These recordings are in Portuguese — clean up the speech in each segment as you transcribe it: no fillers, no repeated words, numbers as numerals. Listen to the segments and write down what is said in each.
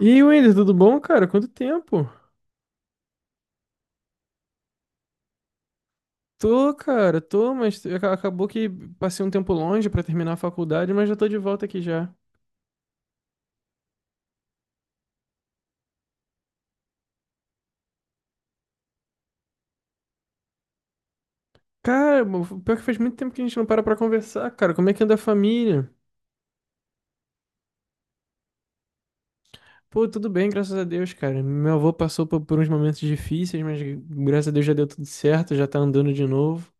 E Wender, tudo bom, cara? Quanto tempo? Tô, cara, tô, mas acabou que passei um tempo longe pra terminar a faculdade, mas já tô de volta aqui já. Cara, pior que faz muito tempo que a gente não para pra conversar, cara. Como é que anda a família? Pô, tudo bem, graças a Deus, cara. Meu avô passou por uns momentos difíceis, mas graças a Deus já deu tudo certo, já tá andando de novo.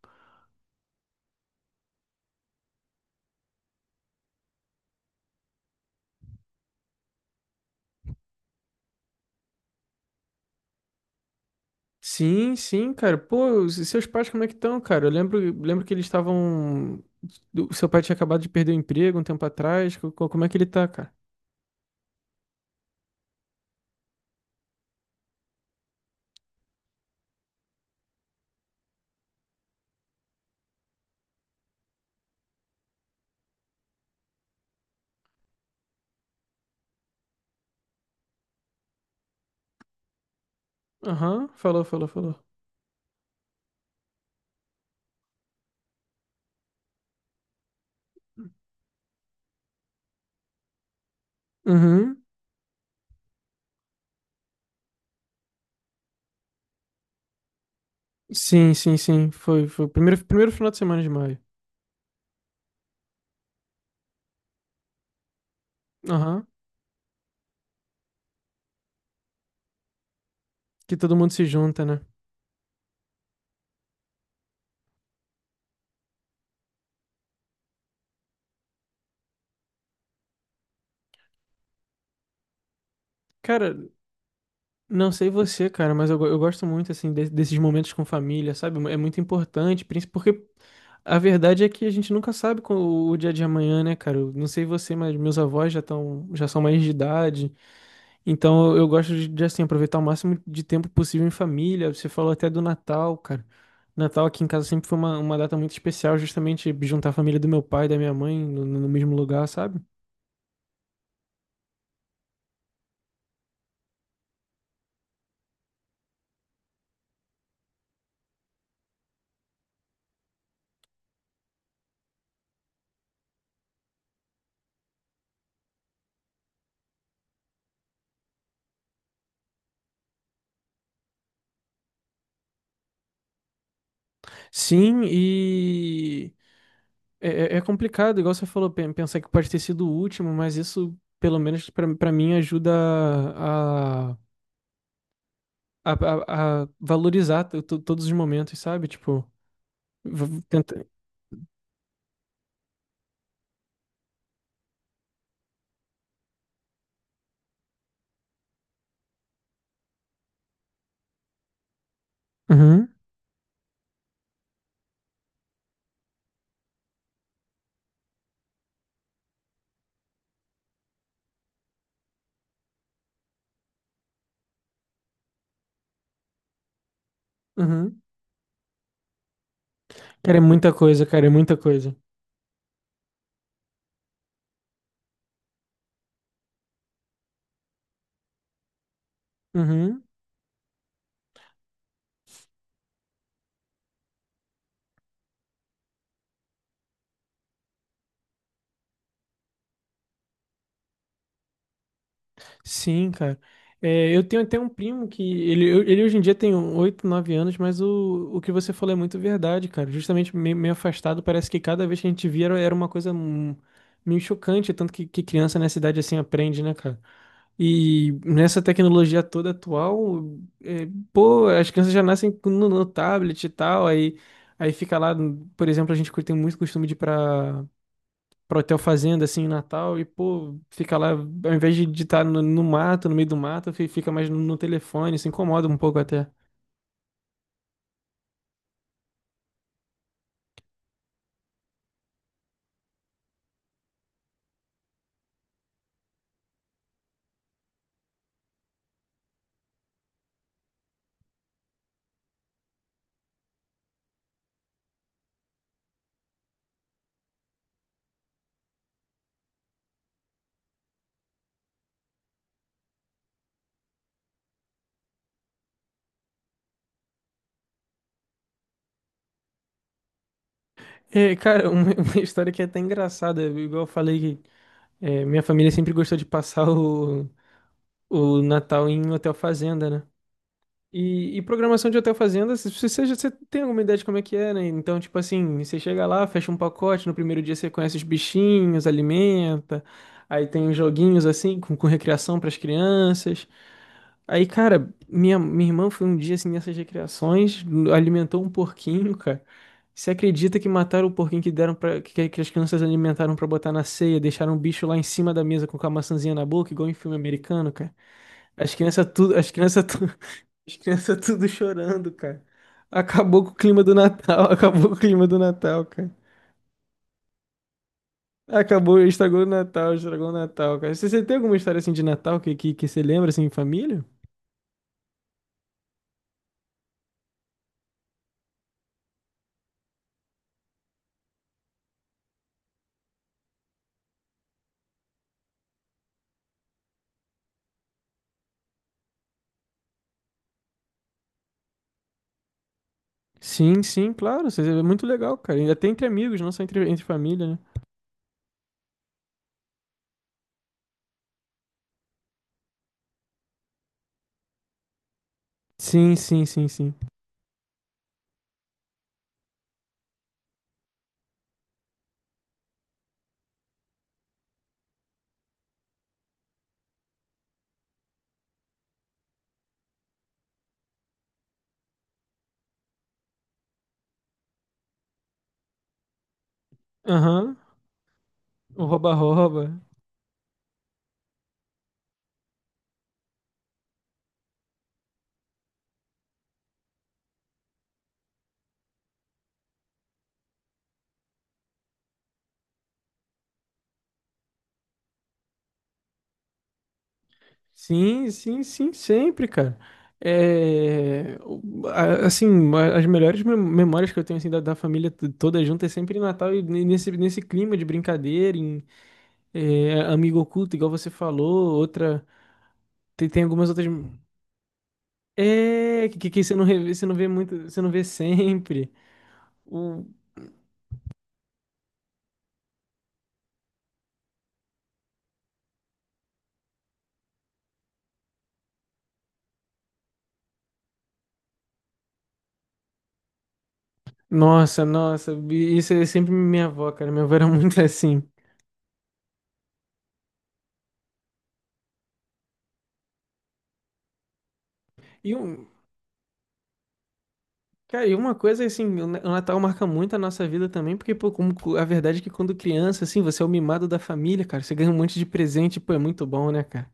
Sim, sim, cara. Pô, e seus pais como é que estão, cara? Eu lembro que eles estavam. O seu pai tinha acabado de perder o emprego um tempo atrás. Como é que ele tá, cara? Aham, falou, falou, falou. Uhum. Sim, sim, sim. Foi, foi o primeiro final de semana de maio. Aham. Que todo mundo se junta, né? Cara, não sei você, cara, mas eu gosto muito, assim, desses momentos com família, sabe? É muito importante, porque a verdade é que a gente nunca sabe com o dia de amanhã, né, cara? Eu não sei você, mas meus avós já estão, já são mais de idade. Então eu gosto de assim, aproveitar o máximo de tempo possível em família. Você falou até do Natal, cara. Natal aqui em casa sempre foi uma data muito especial, justamente juntar a família do meu pai e da minha mãe no mesmo lugar, sabe? Sim, e é complicado, igual você falou, pensar que pode ter sido o último, mas isso, pelo menos pra mim, ajuda a, a valorizar todos os momentos, sabe? Tipo, tenta. Uhum, uhum. Cara, é muita coisa, cara, é muita coisa. Uhum. Sim, cara. É, eu tenho até um primo que ele hoje em dia tem 8 9 anos, mas o que você falou é muito verdade, cara. Justamente meio afastado, parece que cada vez que a gente via era uma coisa meio chocante, tanto que criança nessa idade assim aprende, né, cara? E nessa tecnologia toda atual, é, pô, as crianças já nascem no tablet e tal, aí fica lá, por exemplo, a gente tem muito costume de ir pra hotel fazenda, assim, em Natal, e, pô, fica lá, ao invés de estar no mato, no meio do mato, fica mais no telefone, se incomoda um pouco até. É, cara, uma, uma história que é até engraçada, igual eu falei que é, minha família sempre gostou de passar o Natal em hotel fazenda, né? E programação de hotel fazenda, se você, você tem alguma ideia de como é que é, né? Então, tipo assim, você chega lá, fecha um pacote, no primeiro dia você conhece os bichinhos, alimenta, aí tem uns joguinhos assim, com recreação para as crianças. Aí, cara, minha irmã foi um dia assim nessas recreações, alimentou um porquinho, cara. Você acredita que mataram o porquinho que deram para que as crianças alimentaram pra botar na ceia, deixaram o bicho lá em cima da mesa com a maçãzinha na boca, igual em filme americano, cara? As crianças tudo, as crianças tudo chorando, cara. Acabou com o clima do Natal, acabou com o clima do Natal, cara. Acabou, estragou o Natal, cara. Você tem alguma história assim de Natal que você lembra assim em família? Sim, sim, claro. Você- é muito legal, cara. E até entre amigos, não só entre família, né? Sim, sim, sim, sim. Aham. O rouba-rouba. Sim, sim, sim, sempre, cara. É, assim, as melhores memórias que eu tenho assim, da, da família toda junta é sempre em Natal e nesse, nesse clima de brincadeira, em é, amigo oculto, igual você falou, outra. Tem, tem algumas outras. É, que você não revê, você não vê muito, você não vê sempre. O- nossa, nossa, isso é sempre minha avó, cara. Minha avó era muito assim. E um cara, e uma coisa assim, o Natal marca muito a nossa vida também, porque, pô, como a verdade é que quando criança, assim, você é o mimado da família, cara, você ganha um monte de presente, pô, é muito bom, né, cara?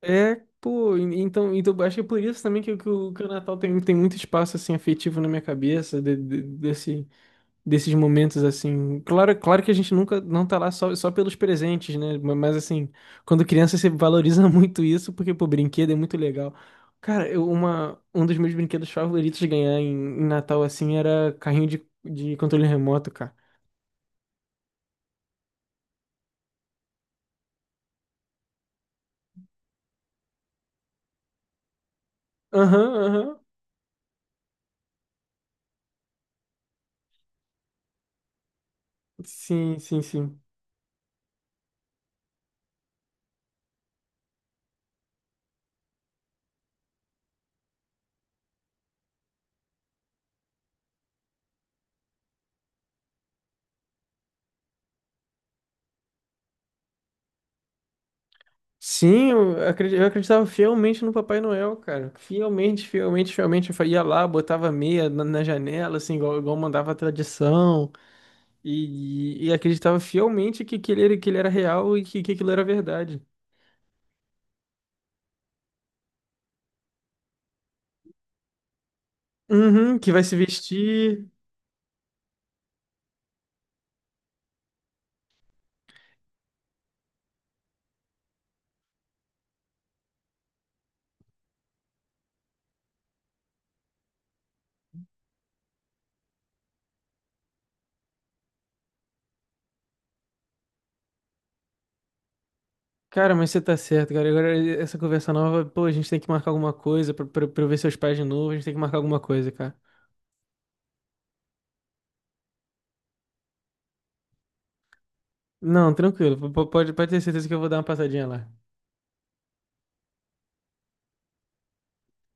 É, pô, então, então acho que é por isso também que o que o Natal tem, tem muito espaço, assim, afetivo na minha cabeça, desse desses momentos assim. Claro, claro que a gente nunca não tá lá só pelos presentes, né? Mas assim, quando criança você valoriza muito isso, porque pô, brinquedo é muito legal. Cara, um dos meus brinquedos favoritos de ganhar em Natal assim era carrinho de controle remoto, cara. Aham, aham. Sim, sim, sim. Sim, eu acreditava fielmente no Papai Noel, cara. Fielmente, fielmente, fielmente. Ia lá, botava meia na janela, assim, igual, igual mandava a tradição. E acreditava fielmente que ele era real e que aquilo era verdade. Uhum, que vai se vestir. Cara, mas você tá certo, cara. Agora essa conversa nova, pô, a gente tem que marcar alguma coisa pra eu ver seus pais de novo. A gente tem que marcar alguma coisa, cara. Não, tranquilo. Pode, pode ter certeza que eu vou dar uma passadinha lá.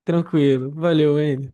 Tranquilo. Valeu, Andy.